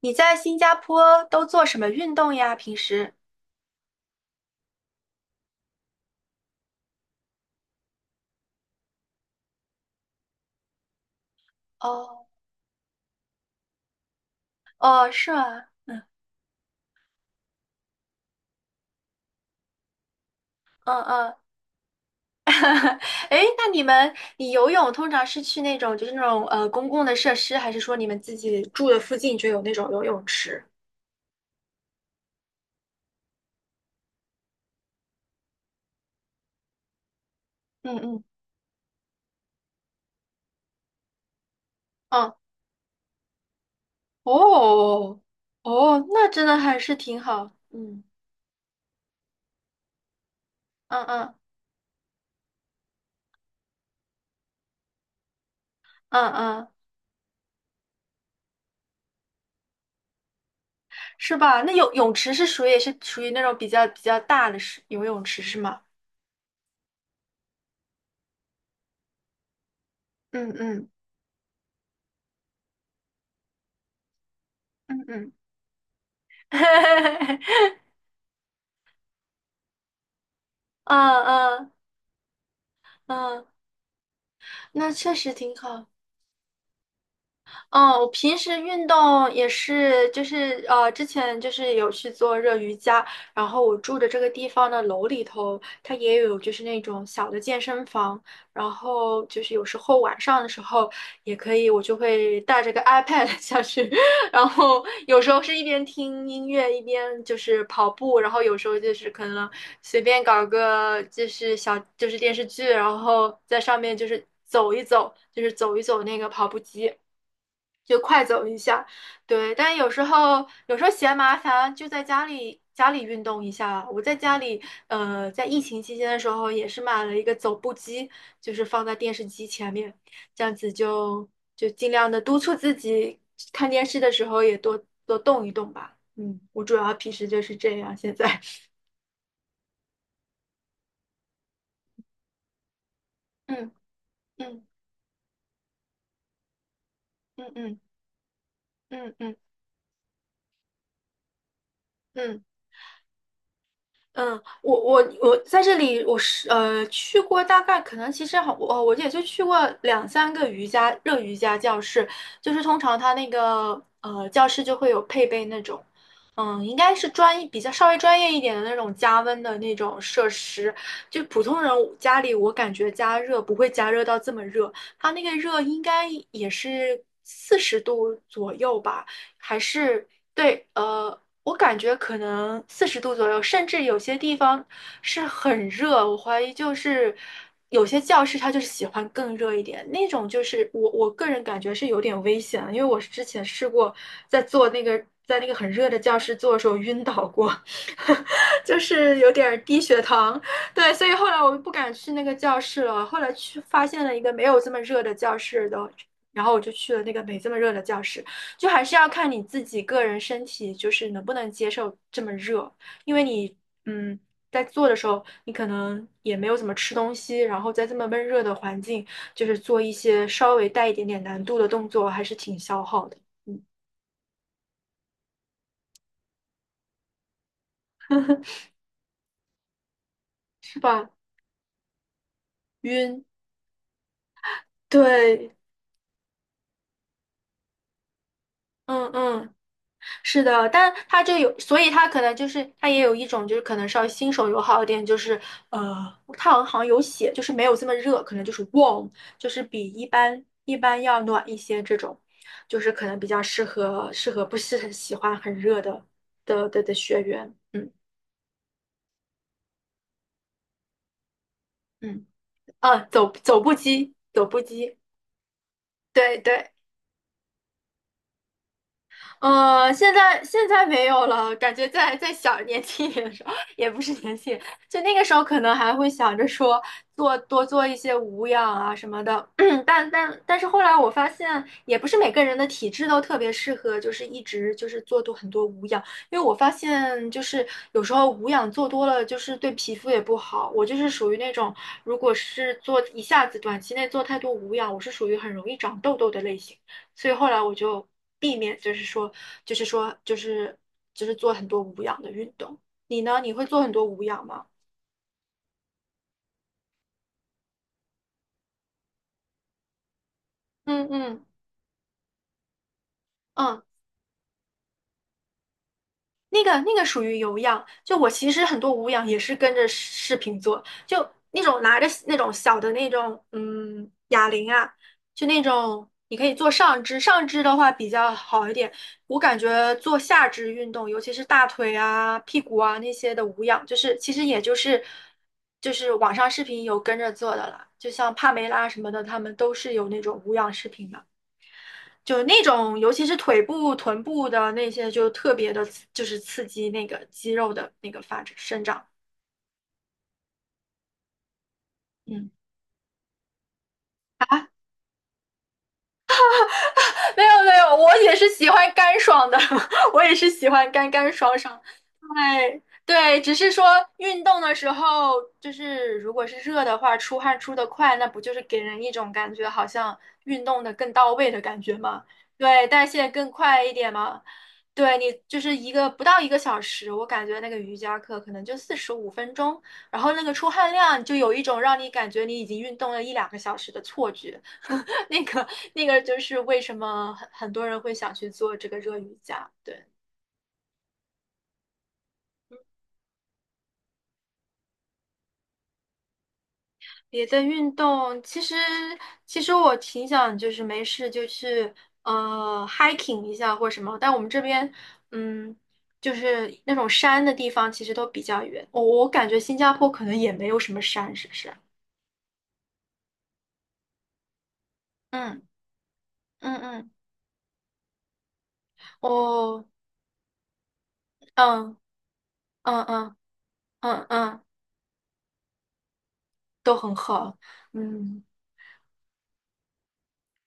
你在新加坡都做什么运动呀？平时？哦哦，是吗？嗯嗯。诶，那你们，你游泳通常是去那种就是那种公共的设施，还是说你们自己住的附近就有那种游泳池？嗯嗯嗯，哦哦，那真的还是挺好。嗯嗯嗯嗯嗯，是吧？那泳池是属于那种比较大的是游泳池是吗？嗯嗯嗯嗯，嗯嗯。嗯，那确实挺好。嗯，我平时运动也是，就是之前就是有去做热瑜伽，然后我住的这个地方的楼里头，它也有就是那种小的健身房，然后就是有时候晚上的时候也可以，我就会带着个 iPad 下去，然后有时候是一边听音乐一边就是跑步，然后有时候就是可能随便搞个就是小就是电视剧，然后在上面就是走一走，那个跑步机。就快走一下。对，但有时候嫌麻烦，就在家里运动一下。我在家里，在疫情期间的时候也是买了一个走步机，就是放在电视机前面，这样子就尽量的督促自己看电视的时候也多多动一动吧。嗯，我主要平时就是这样，现在。嗯嗯嗯嗯嗯嗯嗯。嗯，我在这里，我是去过大概可能其实我也就去过两三个热瑜伽教室，就是通常它那个教室就会有配备那种，嗯，应该是比较稍微专业一点的那种加温的那种设施，就普通人家里我感觉加热不会加热到这么热，它那个热应该也是四十度左右吧，还是对，我感觉可能四十度左右，甚至有些地方是很热。我怀疑就是有些教室它就是喜欢更热一点，那种就是我个人感觉是有点危险，因为我是之前试过在做那个在那个很热的教室做的时候晕倒过，就是有点儿低血糖。对，所以后来我就不敢去那个教室了。后来去发现了一个没有这么热的教室的，然后我就去了那个没这么热的教室。就还是要看你自己个人身体，就是能不能接受这么热，因为你，嗯，在做的时候，你可能也没有怎么吃东西，然后在这么闷热的环境，就是做一些稍微带一点点难度的动作，还是挺消耗的，嗯，是吧？晕，对，嗯嗯。是的，但他就有，所以他可能就是他也有一种就是可能稍微新手友好一点，就是呃，他好像有写，就是没有这么热，可能就是 warm，就是比一般要暖一些这种，就是可能比较适合不是很喜欢很热的学员，嗯嗯，啊，走步机，对对。现在没有了，感觉在小年轻一点的时候，也不是年轻，就那个时候可能还会想着说做一些无氧啊什么的，但是后来我发现，也不是每个人的体质都特别适合，就是一直就是很多无氧，因为我发现就是有时候无氧做多了，就是对皮肤也不好。我就是属于那种，如果是做一下子短期内做太多无氧，我是属于很容易长痘痘的类型。所以后来我就避免，就是说，做很多无氧的运动。你呢？你会做很多无氧吗？嗯嗯嗯，那个属于有氧，就我其实很多无氧也是跟着视频做，就那种拿着那种小的那种哑铃啊，就那种你可以做上肢，上肢的话比较好一点。我感觉做下肢运动，尤其是大腿啊、屁股啊那些的无氧，就是其实也就是网上视频有跟着做的了，就像帕梅拉什么的，他们都是有那种无氧视频的。就那种，尤其是腿部、臀部的那些，就特别的，就是刺激那个肌肉的那个发展生长。嗯，好啊 没有没有，我也是喜欢干爽的，我也是喜欢干干爽爽。对对，只是说运动的时候，就是如果是热的话，出汗出的快，那不就是给人一种感觉好像运动的更到位的感觉吗？对，代谢更快一点嘛。对你就是不到一个小时，我感觉那个瑜伽课可能就45分钟，然后那个出汗量就有一种让你感觉你已经运动了一两个小时的错觉。那个就是为什么很多人会想去做这个热瑜伽。对，别的运动其实我挺想就是没事就去hiking 一下或什么，但我们这边嗯就是那种山的地方其实都比较远。我感觉新加坡可能也没有什么山，是不是？嗯嗯嗯，哦，嗯嗯嗯嗯嗯，都很好。嗯。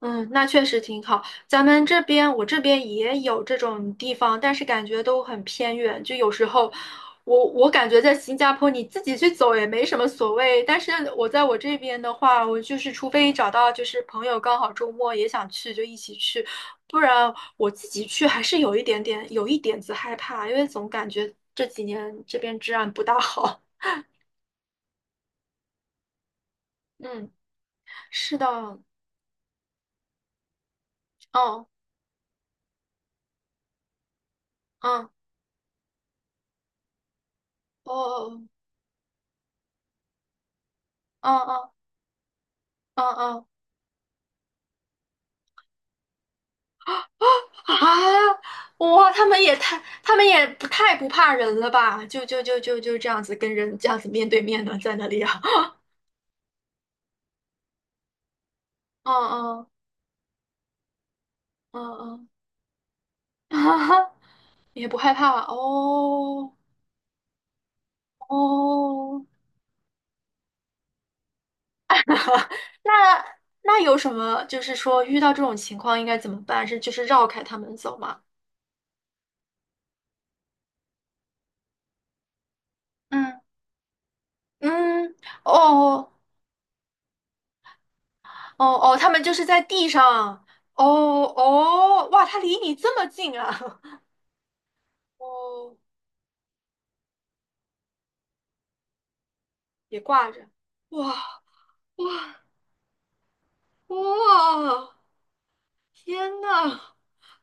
嗯，那确实挺好。咱们这边，我这边也有这种地方，但是感觉都很偏远。就有时候，我感觉在新加坡你自己去走也没什么所谓，但是我在我这边的话，我就是除非找到就是朋友刚好周末也想去，就一起去，不然我自己去还是有一点子害怕，因为总感觉这几年这边治安不大好。嗯，是的，哦，嗯，哦，哦，哦，哦，哦，哦。啊！哇，他们也不太不怕人了吧？就这样子跟人这样子面对面的在那里啊，嗯嗯嗯嗯，也不害怕哦哦。那那有什么？就是说遇到这种情况应该怎么办？是就是绕开他们走吗？嗯，嗯，哦哦哦，他们就是在地上。哦哦，哇，他离你这么近啊！哦，也挂着。哇，哇，天呐，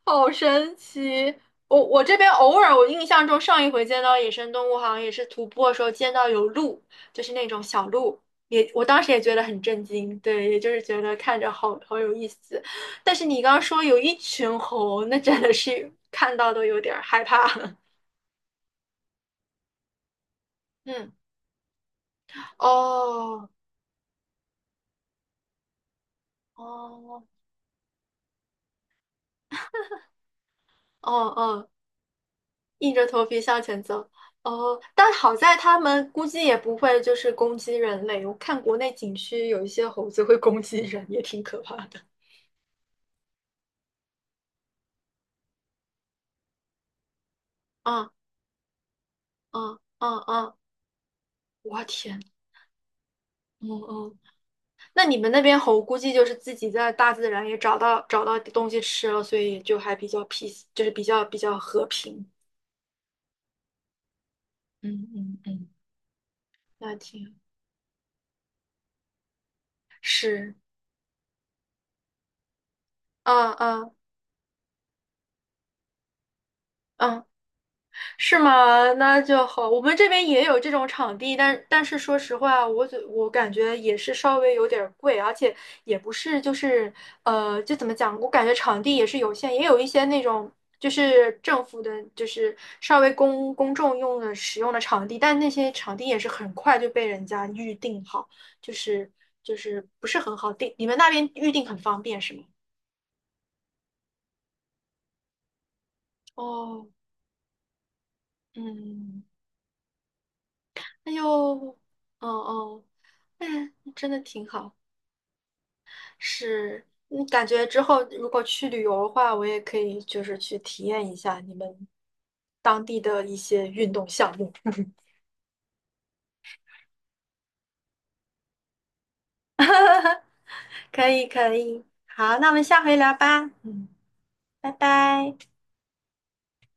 好神奇！我这边偶尔，我印象中上一回见到野生动物，好像也是徒步的时候见到有鹿，就是那种小鹿，我当时也觉得很震惊，对，也就是觉得看着好好有意思。但是你刚刚说有一群猴，那真的是看到都有点儿害怕。嗯，哦，哦，哦，哦，硬着头皮向前走。哦，但好在他们估计也不会就是攻击人类。我看国内景区有一些猴子会攻击人，也挺可怕的。嗯嗯嗯嗯，我天，嗯嗯，那你们那边猴估计就是自己在大自然也找到东西吃了，所以就还比较 peace，就是比较和平。嗯嗯嗯，那挺是，嗯嗯嗯。是吗？那就好。我们这边也有这种场地，但是说实话，我感觉也是稍微有点儿贵，而且也不是就是就怎么讲？我感觉场地也是有限，也有一些那种就是政府的，就是稍微公众使用的场地，但那些场地也是很快就被人家预定好，就是不是很好定。你们那边预定很方便是吗？哦，嗯，哦哦，哎，真的挺好。是，感觉之后如果去旅游的话，我也可以就是去体验一下你们当地的一些运动项目。可以，可以，好，那我们下回聊吧。嗯，拜拜。